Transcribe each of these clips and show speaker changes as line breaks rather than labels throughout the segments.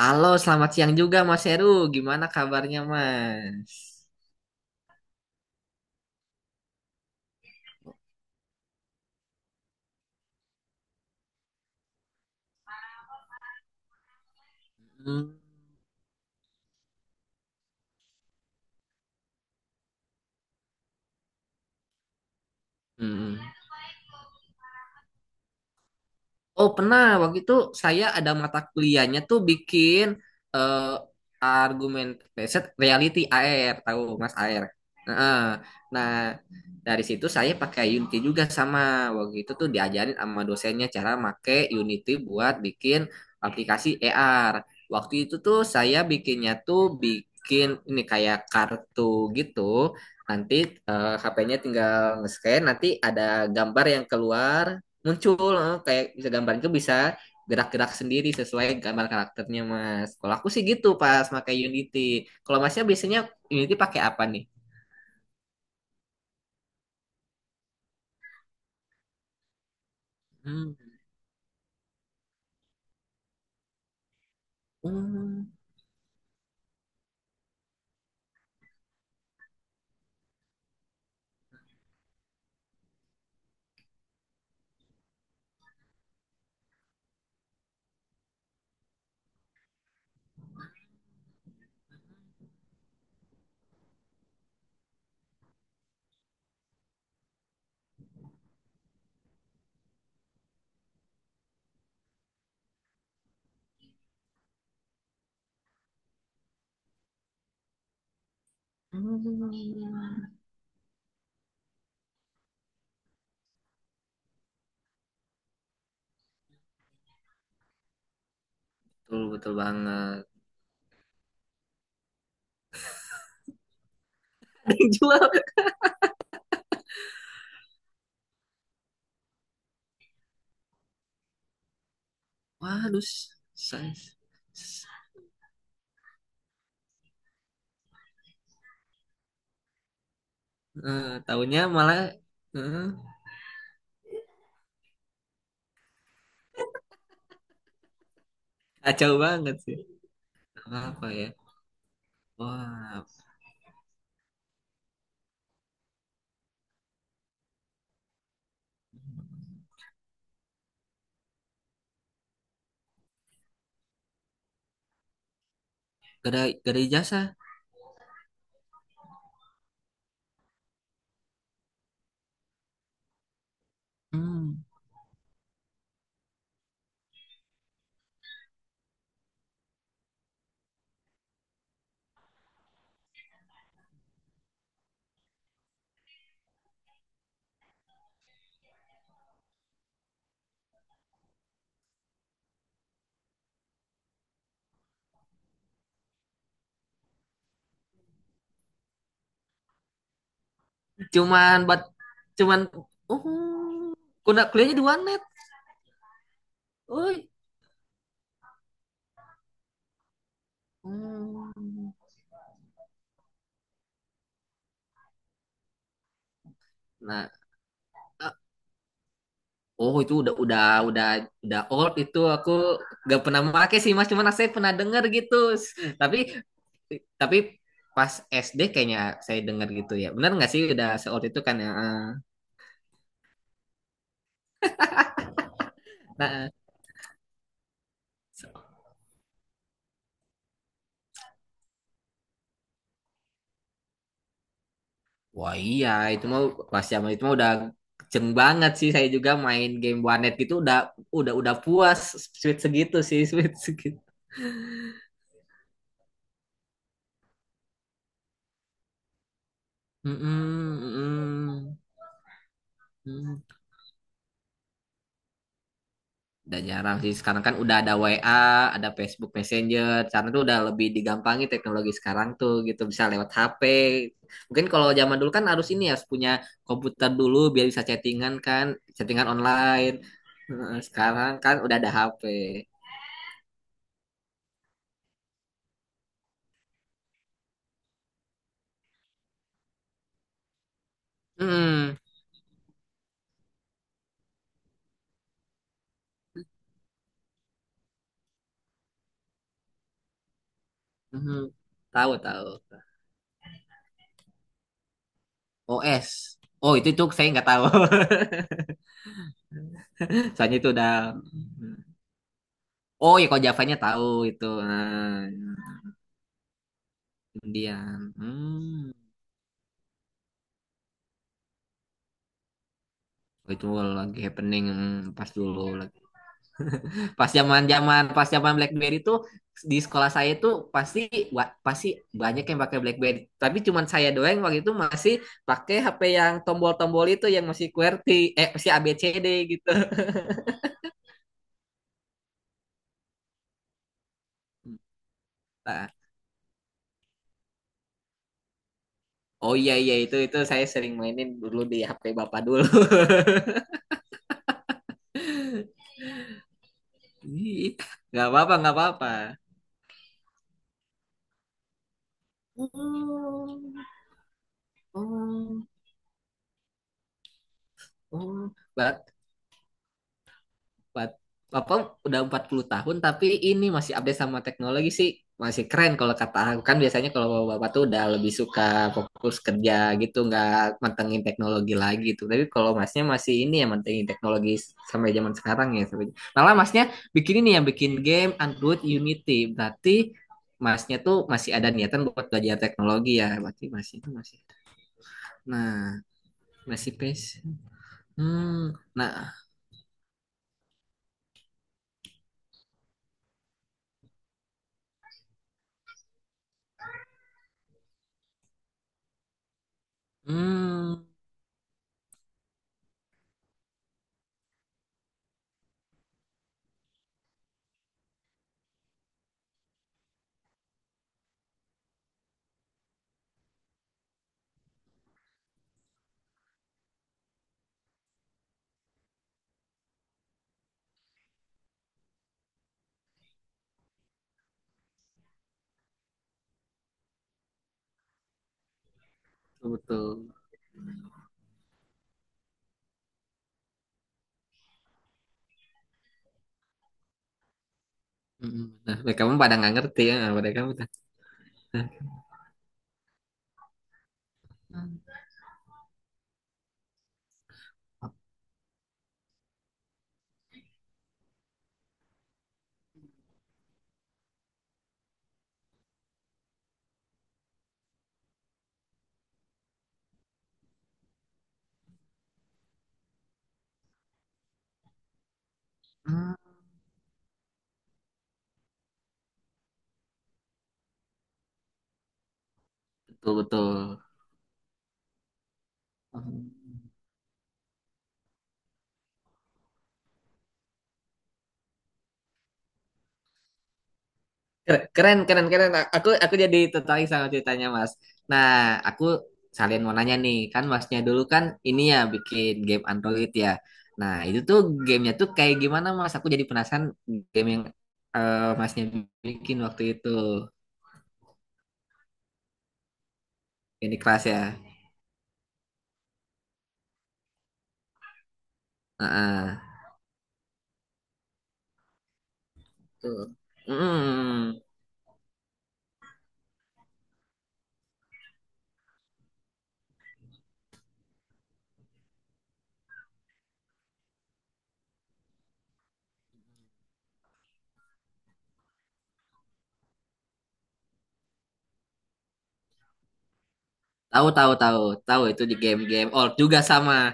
Halo, selamat siang juga Mas Heru. Gimana kabarnya, Mas? Hmm. Hmm. Oh pernah, waktu itu saya ada mata kuliahnya tuh bikin eh, argumen riset reality AR. Tahu Mas AR? Nah, eh, nah, dari situ saya pakai Unity juga. Sama waktu itu tuh diajarin sama dosennya cara make Unity buat bikin aplikasi AR. Waktu itu tuh saya bikinnya tuh bikin ini kayak kartu gitu. Nanti HP-nya tinggal nge-scan, nanti ada gambar yang keluar muncul, kayak bisa gambar itu bisa gerak-gerak sendiri sesuai gambar karakternya Mas. Kalau aku sih gitu pas pakai Unity. Kalau Masnya biasanya Unity pakai apa nih? Hmm. Hmm. Hmm. Betul betul banget. Ada yang jual. Waduh, saya tahunya malah, eh, kacau banget sih. Apa ya? Wah, gak ada, gak ada ijazah. Hmm. cuman buat cuman oh kuda kuliahnya di One net. Oh. Hmm. Nah, eh, oh itu udah udah old itu aku, gak pernah pakai sih Mas, cuman saya pernah denger gitu. Tapi tapi pas SD kayaknya saya denger gitu ya. Benar nggak sih udah se-old itu kan ya? Nah, se- wah, iya itu mah pas zaman itu mah udah kenceng banget sih, saya juga main game warnet gitu, udah puas sweet segitu sih, sweet segitu. Mm-mm, mm-mm, mm. Udah jarang sih. Sekarang kan udah ada WA, ada Facebook Messenger. Karena tuh udah lebih digampangi teknologi sekarang tuh gitu. Bisa lewat HP. Mungkin kalau zaman dulu kan harus ini ya, harus punya komputer dulu biar bisa chattingan kan, chattingan online. Heeh. Sekarang kan udah ada HP. Hmm, hmm. Mhm. Tahu tahu. OS. Oh itu saya nggak tahu. Soalnya itu udah. Hmm. Oh ya, kalau Javanya tahu itu. Nah, Indian. Hmm. Itu lagi happening. Pas dulu lagi- pas zaman BlackBerry tuh di sekolah saya tuh pasti, pasti banyak yang pakai BlackBerry, tapi cuman saya doang. Waktu itu masih pakai HP yang tombol-tombol itu, yang masih QWERTY, masih ABCD gitu. Nah, oh iya iya, itu saya sering mainin dulu di HP bapak dulu. Ih, nggak apa-apa nggak apa-apa. Oh, oh, oh. Pat- Papa udah 40 tahun, tapi ini masih update sama teknologi sih, masih keren kalau kata aku. Kan biasanya kalau bapak tuh udah lebih suka fokus kerja gitu, nggak mantengin teknologi lagi tuh. Tapi kalau Masnya masih ini ya, mantengin teknologi sampai zaman sekarang ya, sampai malah Masnya bikin ini ya, bikin game Android Unity. Berarti Masnya tuh masih ada niatan buat belajar teknologi ya, berarti masih itu masih. Nah, masih pes. Hmm. Nah. Hmm. Betul. Mm. Nah, lah kamu pada nggak ngerti ya, pada kamu tuh. Nah, mm, betul betul. Keren keren keren. Keren. Aku jadi tertarik sama ceritanya Mas. Nah, aku sekalian mau nanya nih, kan Masnya dulu kan ini ya, bikin game Android ya. Nah, itu tuh gamenya tuh kayak gimana Mas? Aku jadi penasaran game yang Masnya bikin waktu itu. Candy Crush ya. Heeh. Tuh. Mm. Tahu tahu tahu tahu, itu di game-game old juga sama.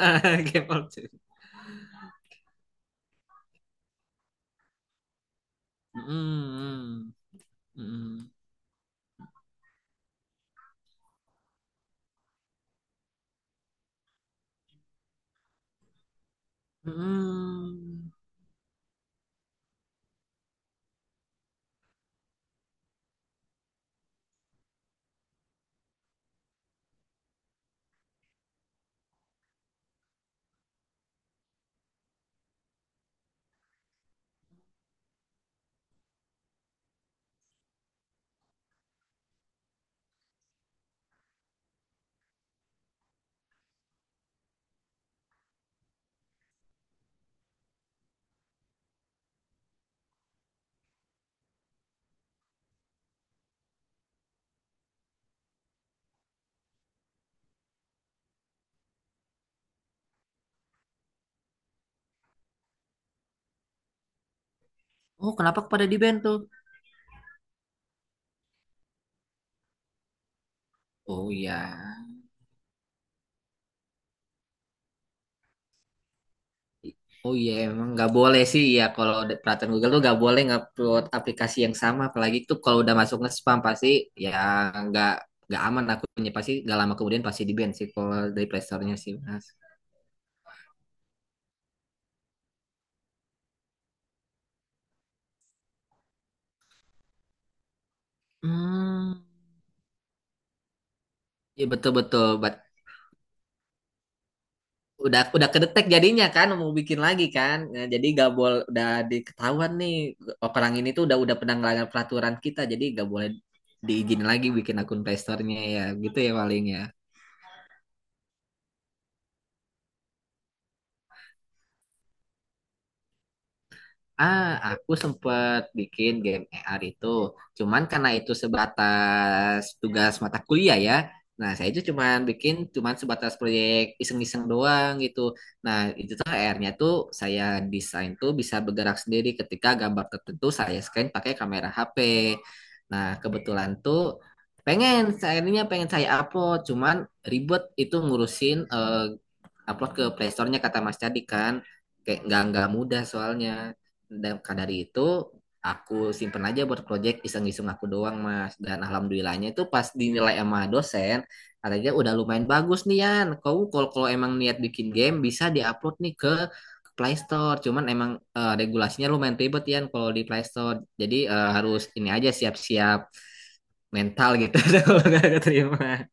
Game Orchard. Mm, mm, mm, mm. Oh, kenapa kepada di band tuh? Oh iya. Oh iya, emang nggak boleh sih ya kalau di peraturan Google tuh, nggak boleh ngupload aplikasi yang sama. Apalagi tuh kalau udah masuk nge-spam, pasti ya nggak nggak aman akunnya, pasti nggak lama kemudian pasti di band sih kalau dari Play Store-nya sih Mas. Hmm, ya betul betul. Udah kedetek jadinya, kan mau bikin lagi kan. Nah, jadi gak boleh. Udah diketahuan nih orang ini tuh udah pernah ngelanggar peraturan kita, jadi gak boleh diizinin lagi bikin akun Play nya ya gitu ya, paling ya. Ah, aku sempet bikin game AR itu. Cuman karena itu sebatas tugas mata kuliah ya. Nah, saya itu cuman bikin cuman sebatas proyek iseng-iseng doang gitu. Nah, itu tuh AR-nya tuh saya desain tuh bisa bergerak sendiri ketika gambar tertentu saya scan pakai kamera HP. Nah, kebetulan tuh pengen, akhirnya pengen saya upload, cuman ribet itu ngurusin, upload ke playstore-nya. Kata Mas Cadi kan kayak nggak mudah soalnya, dan maka dari itu aku simpen aja buat project iseng-iseng aku doang Mas. Dan alhamdulillahnya itu pas dinilai sama dosen, katanya udah lumayan bagus nih Yan. Kau kalau kalau emang niat bikin game bisa diupload nih ke Play Store, cuman emang regulasinya lumayan ribet ya. Kalau di Play Store jadi harus ini aja, siap-siap mental gitu. Kalau nggak keterima,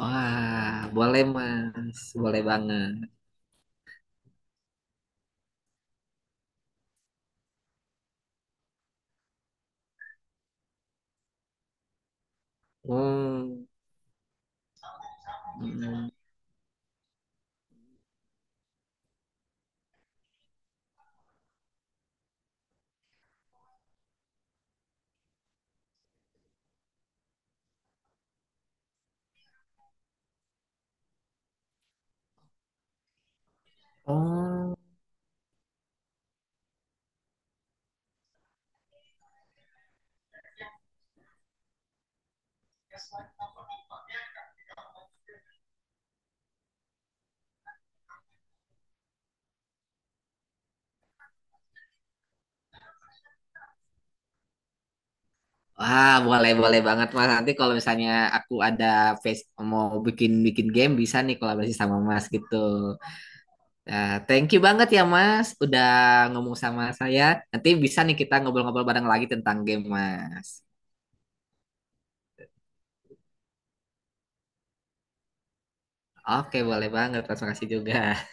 wah boleh Mas, boleh banget. Hmm. Hmm. Oh. Wah, boleh boleh banget Mas. Nanti kalau misalnya aku ada face mau bikin bikin game bisa nih kolaborasi sama Mas gitu. Nah, thank you banget ya Mas udah ngomong sama saya. Nanti bisa nih kita ngobrol-ngobrol bareng lagi tentang game Mas. Oke, boleh banget Mas. Makasih juga.